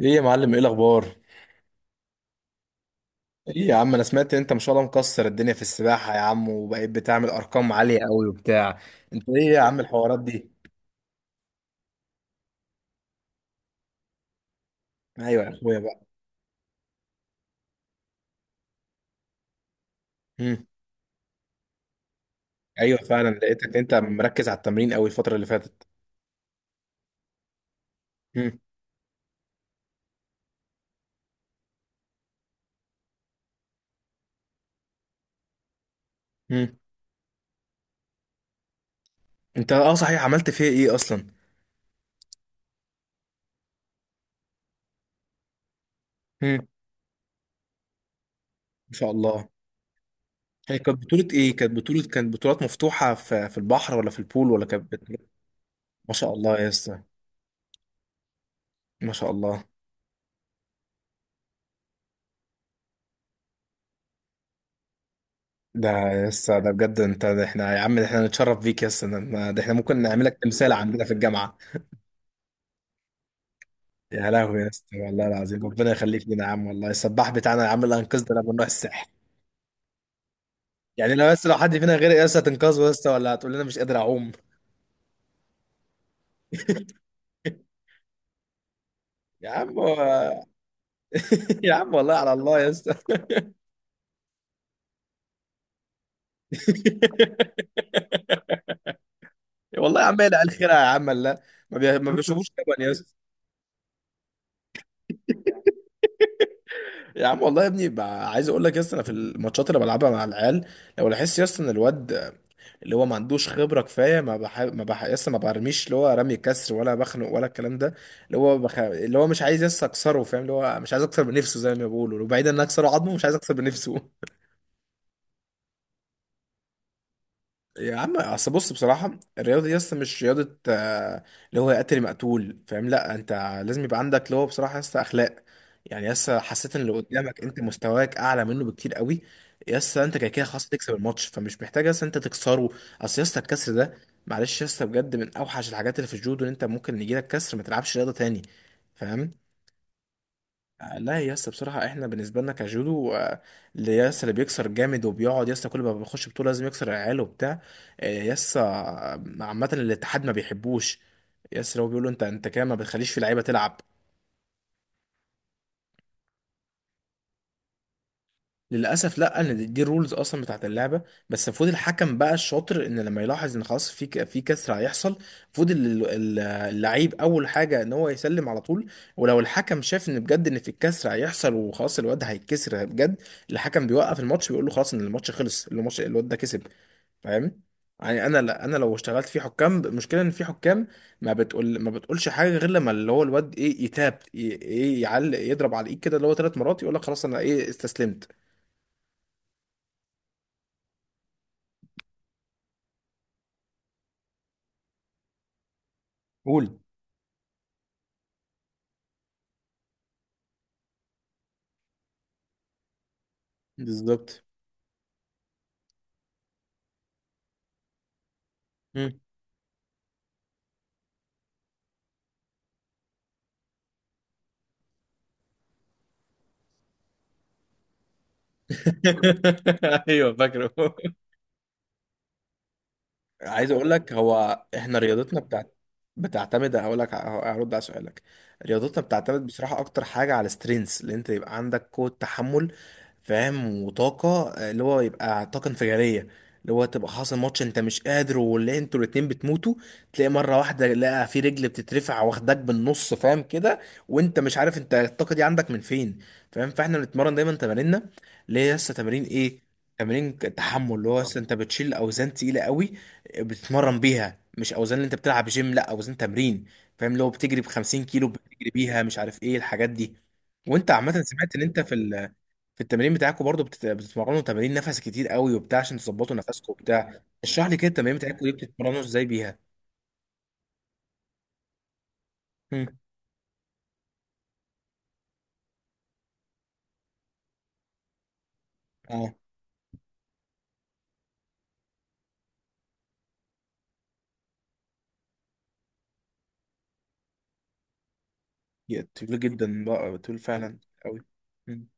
ايه يا معلم؟ ايه الاخبار؟ ايه يا عم، انا سمعت ان انت ما شاء الله مكسر الدنيا في السباحه يا عم، وبقيت بتعمل ارقام عاليه قوي وبتاع. انت ايه يا عم الحوارات دي؟ ايوه يا اخويا بقى. مم. ايوه فعلا، لقيتك انت مركز على التمرين قوي الفتره اللي فاتت. مم. مم. انت اه صحيح عملت فيها ايه اصلا؟ مم. ما شاء الله. هي كانت بطوله ايه؟ كانت بطولات مفتوحه في البحر، ولا في البول، ولا ما شاء الله يا اسطى. ما شاء الله. ده لسه ده بجد، انت؟ ده احنا يا عم، ده احنا نتشرف بيك يا اسطى. ده احنا ممكن نعملك تمثال عندنا في الجامعه. يا لهوي يا اسطى، والله العظيم ربنا يخليك لنا يا عم، والله السباح بتاعنا يا عم اللي انقذنا لما نروح الساحل. يعني لو حد فينا غير يا اسطى، هتنقذه يا اسطى، ولا هتقول لنا مش قادر اعوم؟ يا عم هو- يا عم والله على الله يا اسطى. والله يا عم هي. خيرها يا عم، لا. ما بيشوفوش لبن يا اسطى. يا عم والله يا ابني بقى، عايز اقول لك يا اسطى، انا في الماتشات اللي بلعبها مع العيال، لو لاحظت يا اسطى ان الواد اللي هو ما عندوش خبره كفايه، ما بح... ما بح... يس ما برميش اللي هو رمي كسر، ولا بخنق، ولا الكلام ده. اللي هو مش عايز اكسره، فاهم؟ اللي هو مش عايز اكسر بنفسه، زي ما بيقولوا، وبعيدا ان اكسره عظمه، مش عايز اكسر بنفسه. يا عم اصل بص بصراحه، الرياضه دي اصلا مش رياضه. اللي هو قتل مقتول، فاهم؟ لا انت لازم يبقى عندك اللي هو بصراحه لسه اخلاق. يعني لسه حسيت ان اللي قدامك انت مستواك اعلى منه بكتير قوي، لسه انت كده كده خلاص تكسب الماتش، فمش محتاج لسه انت تكسره. اصل لسه الكسر ده، معلش، لسه بجد من اوحش الحاجات اللي في الجودو، ان انت ممكن يجيلك كسر ما تلعبش رياضه تاني، فاهم؟ لا يا اسطى، بصراحة احنا بالنسبة لنا كجودو، اللي بيكسر جامد، وبيقعد يا اسطى كل ما بيخش بطولة لازم يكسر العيال وبتاع، يا اسطى، عامة الاتحاد ما بيحبوش، يا اسطى. هو بيقول له انت كده ما بتخليش في لعيبة تلعب. للاسف لا، ان دي الرولز اصلا بتاعت اللعبه، بس المفروض الحكم بقى الشاطر ان لما يلاحظ ان خلاص في كسر هيحصل، المفروض اللعيب اول حاجه ان هو يسلم على طول. ولو الحكم شاف ان بجد ان في الكسر هيحصل، وخلاص الواد هيتكسر بجد، الحكم بيوقف الماتش، بيقول له خلاص ان الماتش خلص، الماتش الواد ده كسب، فاهم؟ يعني انا، لا انا لو اشتغلت في حكام، المشكله ان في حكام ما بتقولش حاجه غير لما اللي هو الواد ايه يتاب ايه يعلق، يضرب على الايد كده اللي هو ثلاث مرات، يقول لك خلاص انا ايه استسلمت. قول. بالظبط. مم. ايوه فاكره. عايز اقول لك، هو احنا رياضتنا بتاعت، بتعتمد، هقول لك، هرد على سؤالك. رياضتنا بتعتمد بصراحه اكتر حاجه على سترينث، اللي انت يبقى عندك قوه تحمل، فاهم؟ وطاقة، اللي هو يبقى طاقة انفجارية، اللي هو تبقى حاصل ماتش انت مش قادر، واللي انتوا الاتنين بتموتوا، تلاقي مرة واحدة لقى في رجل بتترفع واخدك بالنص، فاهم كده؟ وانت مش عارف انت الطاقة دي عندك من فين، فاهم؟ فاحنا بنتمرن دايما تماريننا، اللي هي لسه تمارين ايه، تمارين تحمل، اللي هو لسه انت بتشيل اوزان تقيلة قوي، بتتمرن بيها، مش اوزان اللي انت بتلعب جيم، لا اوزان تمرين، فاهم؟ لو بتجري ب 50 كيلو بتجري بيها، مش عارف ايه الحاجات دي. وانت عامة سمعت ان انت في ال، في التمارين بتاعكم برضو بتتمرنوا تمارين نفس كتير قوي وبتاع، عشان تظبطوا نفسكم وبتاع. اشرح لي كده التمارين بتاعكم دي بتتمرنوا ازاي بيها. مم. اه. يا طويل جدا بقى، طويل فعلا قوي. مم.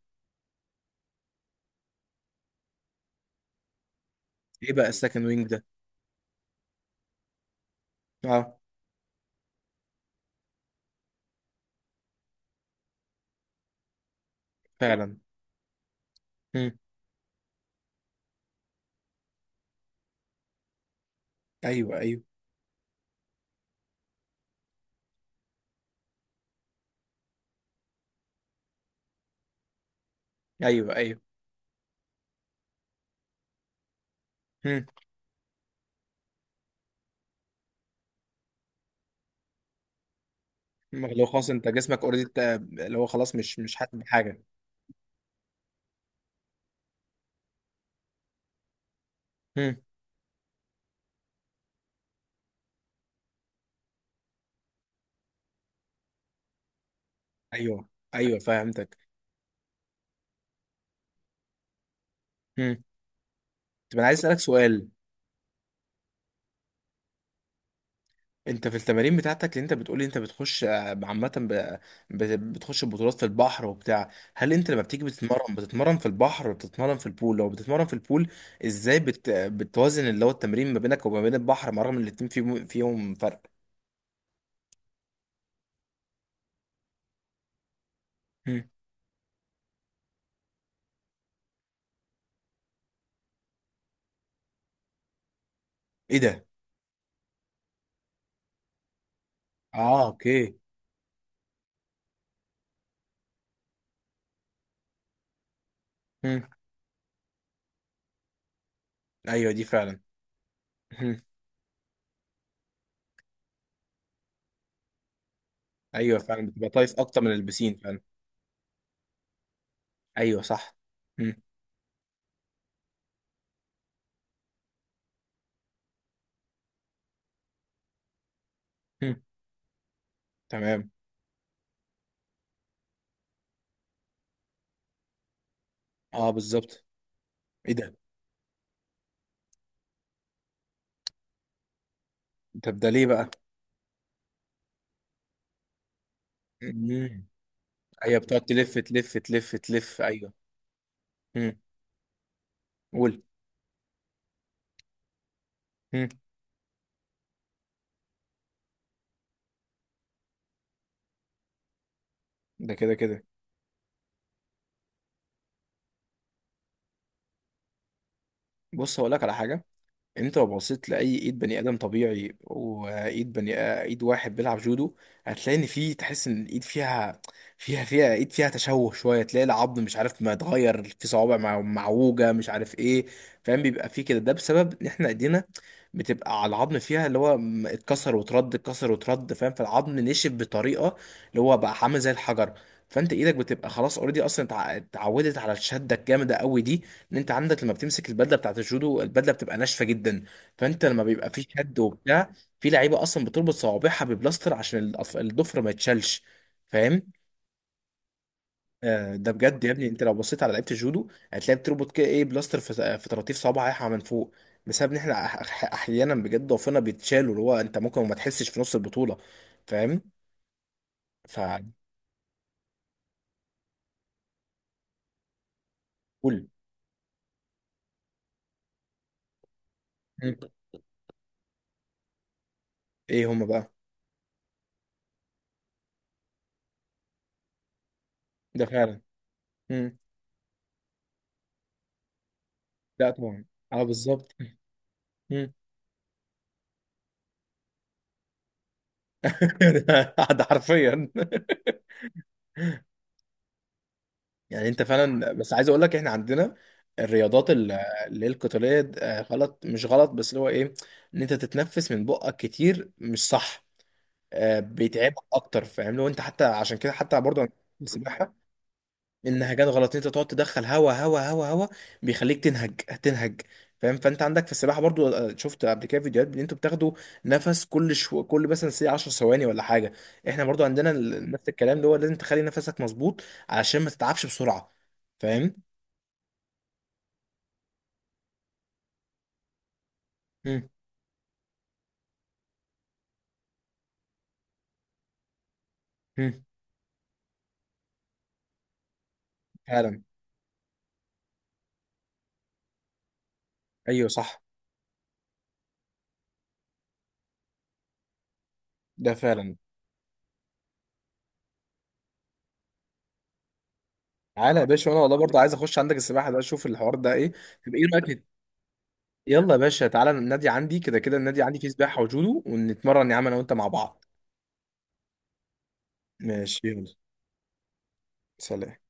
ايه بقى السكند وينج ده؟ اه. فعلا. مم. ايوه ايوه. ايوه ايوه. مم. لو خلاص انت جسمك اوريدي، اللي هو خلاص مش حاسس بحاجه. مم. ايوه. ايوه فهمتك. مم. طب انا عايز اسالك سؤال. انت في التمارين بتاعتك اللي انت بتقولي، انت بتخش، عامة بتخش بطولات في البحر وبتاع، هل انت لما بتيجي بتتمرن في البحر ولا بتتمرن في البول؟ لو بتتمرن في البول، ازاي بتوازن اللي هو التمرين ما بينك وما بين البحر، مع رغم ان الاتنين فيهم فرق؟ هم. ايه ده؟ اه اوكي. هم. ايوه دي فعلا. هم. ايوه فعلا، بتبقى طايف اكتر من البسين فعلا. ايوه صح. هم. هم. تمام. اه بالظبط. ايه ده؟ طب ده ليه بقى؟ مم. ايوه بتقعد تلف تلف تلف تلف، ايوه. امم. قول. امم. ده كده كده. بص هقول لك على حاجه. انت لو بصيت لاي ايد بني ادم طبيعي، وايد بني، ايد واحد بيلعب جودو، هتلاقي ان في، تحس ان الايد فيها، فيها ايد فيها تشوه شويه، تلاقي العظم مش عارف ما اتغير، في صوابع معوجه، مش عارف ايه، فاهم؟ بيبقى في كده، ده بسبب ان احنا ايدينا بتبقى على العظم، فيها اللي هو اتكسر وترد، اتكسر وترد، فاهم؟ فالعظم نشف بطريقه، اللي هو بقى عامل زي الحجر، فانت ايدك بتبقى خلاص اوريدي اصلا اتعودت على الشده الجامده قوي دي. ان انت عندك لما بتمسك البدله بتاعت الجودو، البدله بتبقى ناشفه جدا، فانت لما بيبقى في شد وبتاع، في لعيبه اصلا بتربط صوابعها ببلاستر عشان الضفر ما يتشالش، فاهم؟ آه ده بجد، يا ابني انت لو بصيت على لعيبه الجودو، هتلاقي بتربط كده ايه بلاستر في طراطيف صوابعها من فوق، بسبب ان احنا احيانا بجد ضعفنا بيتشالوا، اللي هو انت ممكن ما تحسش في نص البطوله، فاهم؟ فقول. ايه هما بقى؟ ده فعلا. مم. لا طبعا. اه بالظبط. مم. ده ده حرفيا. يعني انت فعلا. بس عايز اقول لك، احنا عندنا الرياضات اللي هي القتاليه، غلط مش غلط، بس اللي هو ايه، ان انت تتنفس من بقك كتير، مش صح، بيتعبك اكتر، فاهم؟ لو انت حتى، عشان كده حتى برضه أنا في السباحه، النهجات غلط، انت تقعد تدخل هوا هوا هوا هوا، بيخليك تنهج تنهج، فاهم؟ فانت عندك في السباحه برضو، شفت قبل كده فيديوهات ان انتوا بتاخدوا نفس كل كل مثلا سي 10 ثواني ولا حاجه. احنا برضو عندنا نفس الكلام، اللي هو لازم تخلي نفسك مظبوط، علشان ما تتعبش بسرعه، فاهم؟ هم. هم. فعلا. ايوه صح. ده فعلا. تعالى يا باشا، وانا والله برضو عايز اخش عندك السباحه ده، اشوف الحوار ده ايه. طب ايه رايك؟ يلا يا باشا تعالى، النادي عندي كده كده، النادي عندي فيه سباحه وجودو، ونتمرن يا عم انا وانت مع بعض. ماشي يلا. سلام.